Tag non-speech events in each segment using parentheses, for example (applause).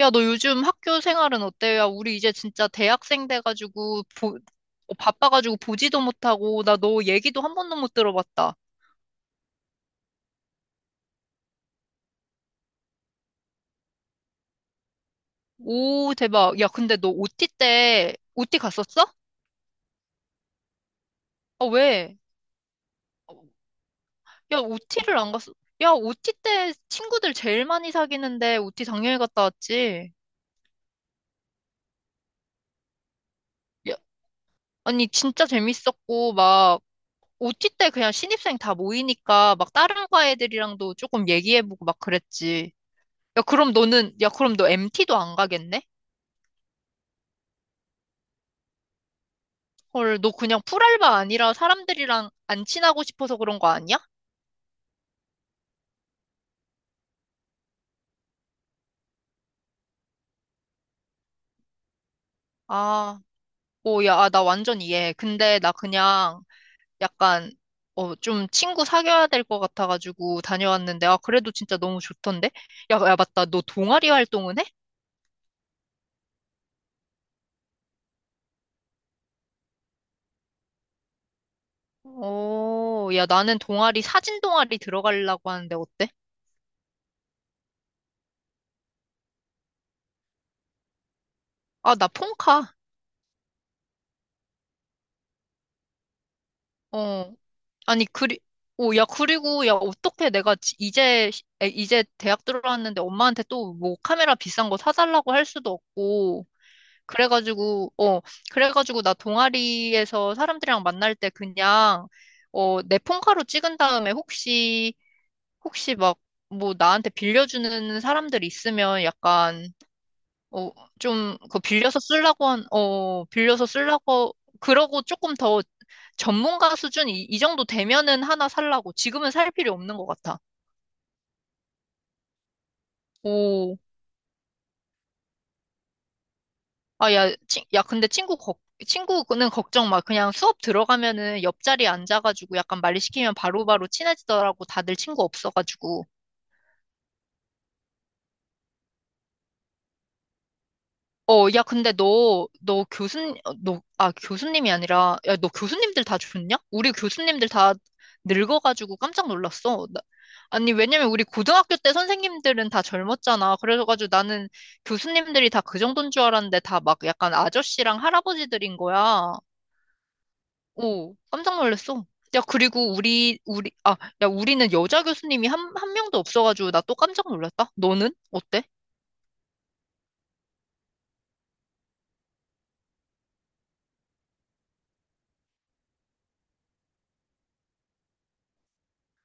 야, 너 요즘 학교 생활은 어때? 야, 우리 이제 진짜 대학생 돼가지고, 바빠가지고 보지도 못하고, 나 너 얘기도 한 번도 못 들어봤다. 오, 대박. 야, 근데 너 OT 갔었어? 아, 왜? 야, OT를 안 갔어. 야, OT 때 친구들 제일 많이 사귀는데 OT 당연히 갔다 왔지. 야, 아니, 진짜 재밌었고, OT 때 그냥 신입생 다 모이니까, 막 다른 과 애들이랑도 조금 얘기해보고 막 그랬지. 야, 그럼 너 MT도 안 가겠네? 헐, 너 그냥 풀알바 아니라 사람들이랑 안 친하고 싶어서 그런 거 아니야? 아, 오, 야, 아, 나 완전 이해해. 근데 나 그냥 약간, 좀 친구 사귀어야 될 것 같아가지고 다녀왔는데, 아, 그래도 진짜 너무 좋던데? 야, 야, 맞다. 너 동아리 활동은 해? 오, 야, 사진 동아리 들어가려고 하는데 어때? 아, 나 폰카. 어. 아니, 그리, 오, 야, 그리고, 야, 어떻게 내가 이제 대학 들어왔는데 엄마한테 또 뭐 카메라 비싼 거 사달라고 할 수도 없고. 그래가지고, 어, 그래가지고 나 동아리에서 사람들이랑 만날 때 그냥, 내 폰카로 찍은 다음에 혹시 막, 뭐 나한테 빌려주는 사람들 있으면 약간, 어, 그 빌려서 쓰려고, 그러고 조금 더 전문가 수준 이 정도 되면은 하나 살라고. 지금은 살 필요 없는 것 같아. 오, 아, 야, 친, 야, 근데 친구, 걱, 친구는 걱정 마. 그냥 수업 들어가면은 옆자리에 앉아가지고 약간 말리시키면 바로바로 친해지더라고. 다들 친구 없어가지고. 어, 야, 근데 너, 너 교수님, 어, 너, 아, 교수님이 아니라, 야, 너 교수님들 다 죽었냐? 우리 교수님들 다 늙어가지고 깜짝 놀랐어. 아니, 왜냐면 우리 고등학교 때 선생님들은 다 젊었잖아. 그래가지고 나는 교수님들이 다 그 정도인 줄 알았는데 다 막 약간 아저씨랑 할아버지들인 거야. 오, 깜짝 놀랐어. 야, 그리고 우리는 여자 교수님이 한 명도 없어가지고 나 또 깜짝 놀랐다. 너는? 어때?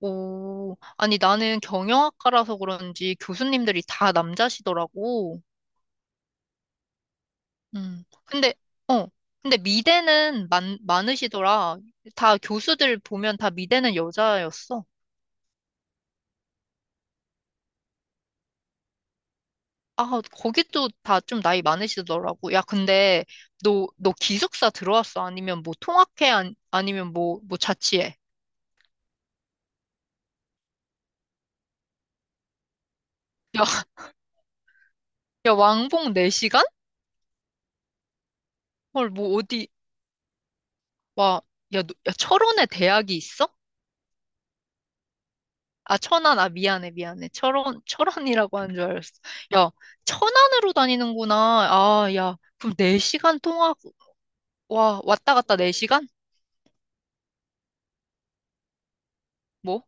오, 아니 나는 경영학과라서 그런지 교수님들이 다 남자시더라고. 음. 근데 어, 근데 미대는 많으시더라. 다 교수들 보면 다 미대는 여자였어. 아, 거기도 다 좀 나이 많으시더라고. 야, 근데 너 기숙사 들어왔어? 아니면 뭐 통학해? 아니, 아니면 뭐, 뭐 자취해? 야, (laughs) 야, 왕복 4시간? 헐, 뭐 어디, 와, 야, 너, 야, 철원에 대학이 있어? 아, 천안, 아, 미안해. 철원이라고 한 줄 알았어. 야, 천안으로 다니는구나. 아, 야, 그럼 4시간 통화, 와, 왔다 갔다 4시간? 뭐?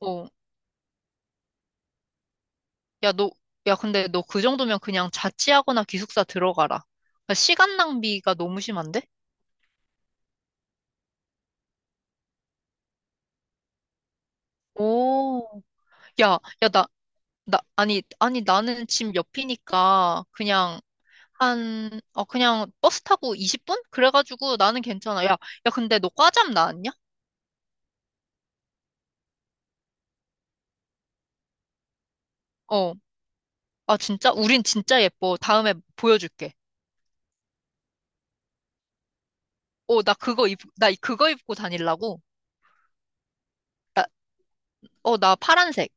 어, 야, 근데 너 그 정도면 그냥 자취하거나 기숙사 들어가라. 야, 시간 낭비가 너무 심한데? 오, 야, 야, 나, 나, 아니, 아니, 나는 집 옆이니까 그냥 한, 어, 그냥 버스 타고 20분? 그래가지고 나는 괜찮아. 야, 야, 근데 너 과잠 나왔냐? 어. 아, 진짜? 우린 진짜 예뻐. 다음에 보여줄게. 어, 나 그거 입고 다닐라고? 나, 나 파란색.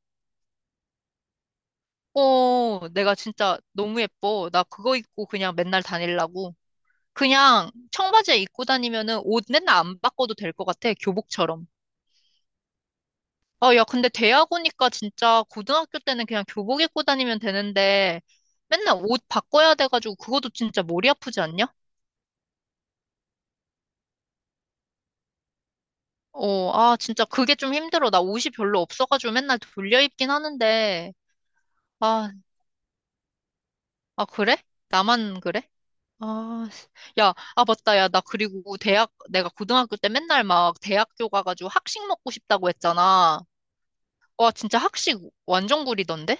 어, 내가 진짜 너무 예뻐. 나 그거 입고 그냥 맨날 다닐라고. 그냥 청바지에 입고 다니면은 옷 맨날 안 바꿔도 될 것 같아. 교복처럼. 아, 야, 근데 대학 오니까 진짜 고등학교 때는 그냥 교복 입고 다니면 되는데 맨날 옷 바꿔야 돼가지고 그것도 진짜 머리 아프지 않냐? 어, 아, 진짜 그게 좀 힘들어. 나 옷이 별로 없어가지고 맨날 돌려 입긴 하는데. 아, 아, 그래? 나만 그래? 아, 씨. 야, 아, 맞다. 야, 나 그리고 대학, 내가 고등학교 때 맨날 막 대학교 가가지고 학식 먹고 싶다고 했잖아. 와, 진짜 학식 완전 구리던데?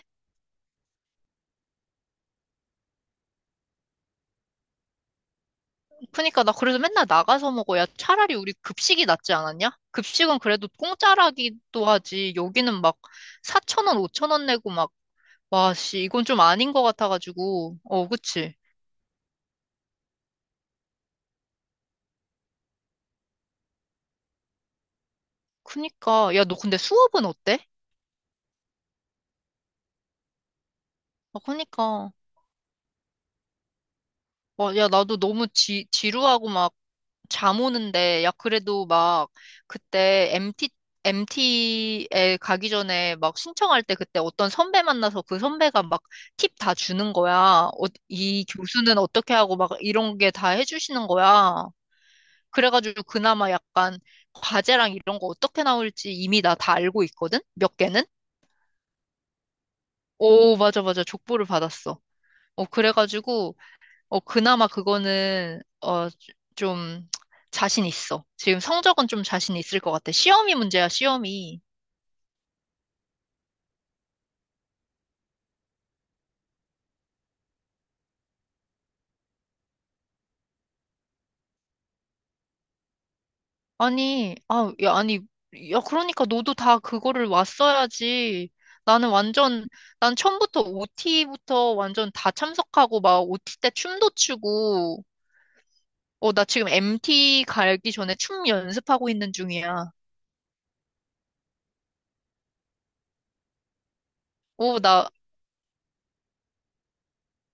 그니까 나 그래서 맨날 나가서 먹어. 야, 차라리 우리 급식이 낫지 않았냐? 급식은 그래도 공짜라기도 하지. 여기는 막 4천원, 5천원 내고 막, 와, 씨, 이건 좀 아닌 것 같아가지고. 어, 그치? 그니까. 야, 너 근데 수업은 어때? 아, 그니까. 와, 야, 나도 너무 지루하고 막 잠 오는데, 야, 그래도 막, 그때 MT, MT에 가기 전에 막 신청할 때 그때 어떤 선배 만나서 그 선배가 막 팁 다 주는 거야. 어, 이 교수는 어떻게 하고 막 이런 게 다 해주시는 거야. 그래가지고 그나마 약간 과제랑 이런 거 어떻게 나올지 이미 나 다 알고 있거든? 몇 개는? 오, 맞아, 맞아. 족보를 받았어. 어, 그래가지고, 어, 그나마 그거는, 어, 좀, 자신 있어. 지금 성적은 좀 자신 있을 것 같아. 시험이 문제야, 시험이. 아니, 아, 야, 아니, 야, 그러니까 너도 다 그거를 왔어야지. 나는 완전, 난 처음부터 OT부터 완전 다 참석하고, 막 OT 때 춤도 추고, 어, 나 지금 MT 가기 전에 춤 연습하고 있는 중이야. 오, 나,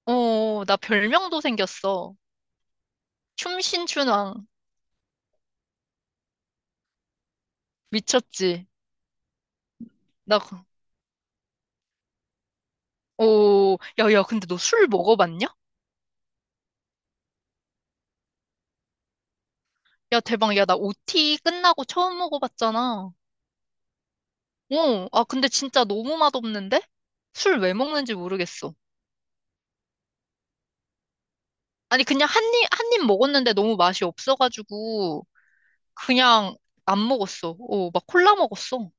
나 별명도 생겼어. 춤신춘왕. 미쳤지? 나 그 오, 야, 야, 근데 너 술 먹어봤냐? 야, 대박. 야, 나 OT 끝나고 처음 먹어봤잖아. 어, 아, 근데 진짜 너무 맛없는데? 술 왜 먹는지 모르겠어. 아니, 그냥 한 입, 한 입 먹었는데 너무 맛이 없어가지고, 그냥 안 먹었어. 어, 막 콜라 먹었어.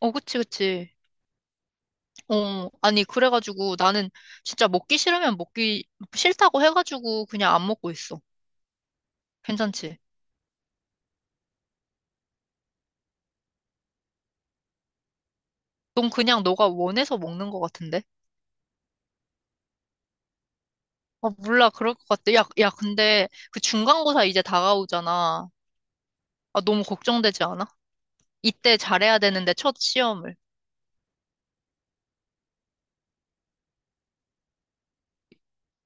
어, 그치, 그치. 어, 아니, 그래가지고 나는 진짜 먹기 싫으면 먹기 싫다고 해가지고 그냥 안 먹고 있어. 괜찮지? 넌 그냥 너가 원해서 먹는 것 같은데? 아, 몰라. 그럴 것 같아. 야, 야, 근데 그 중간고사 이제 다가오잖아. 아, 너무 걱정되지 않아? 이때 잘해야 되는데, 첫 시험을.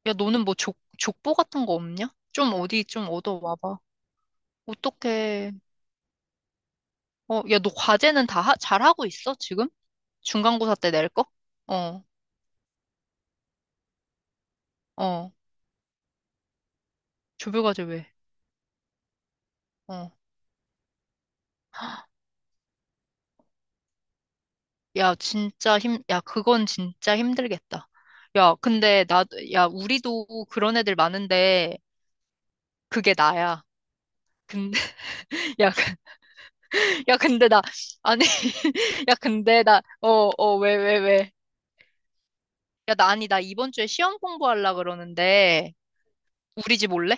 야, 너는 뭐 족보 같은 거 없냐? 좀 어디 좀 얻어와봐. 어떡해. 어, 야, 너 과제는 잘하고 있어, 지금? 중간고사 때 낼 거? 어, 어. 조별과제 왜? 어. 야, 그건 진짜 힘들겠다. 야, 우리도 그런 애들 많은데, 그게 나야. 근데, (laughs) 야, 야, 근데 나, 아니, (laughs) 야, 근데 나, 어, 어, 왜, 왜, 왜. 야, 나, 아니, 나 이번 주에 시험 공부하려 그러는데, 우리 집 올래?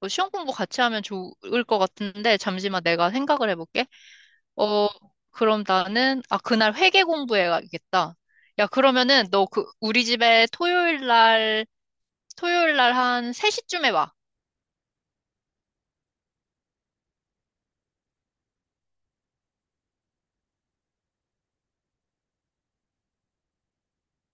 어, 시험 공부 같이 하면 좋을 것 같은데, 잠시만 내가 생각을 해볼게. 어, 그럼 나는, 아, 그날 회계 공부해야겠다. 야, 그러면은, 우리 집에 토요일 날 한 3시쯤에 와.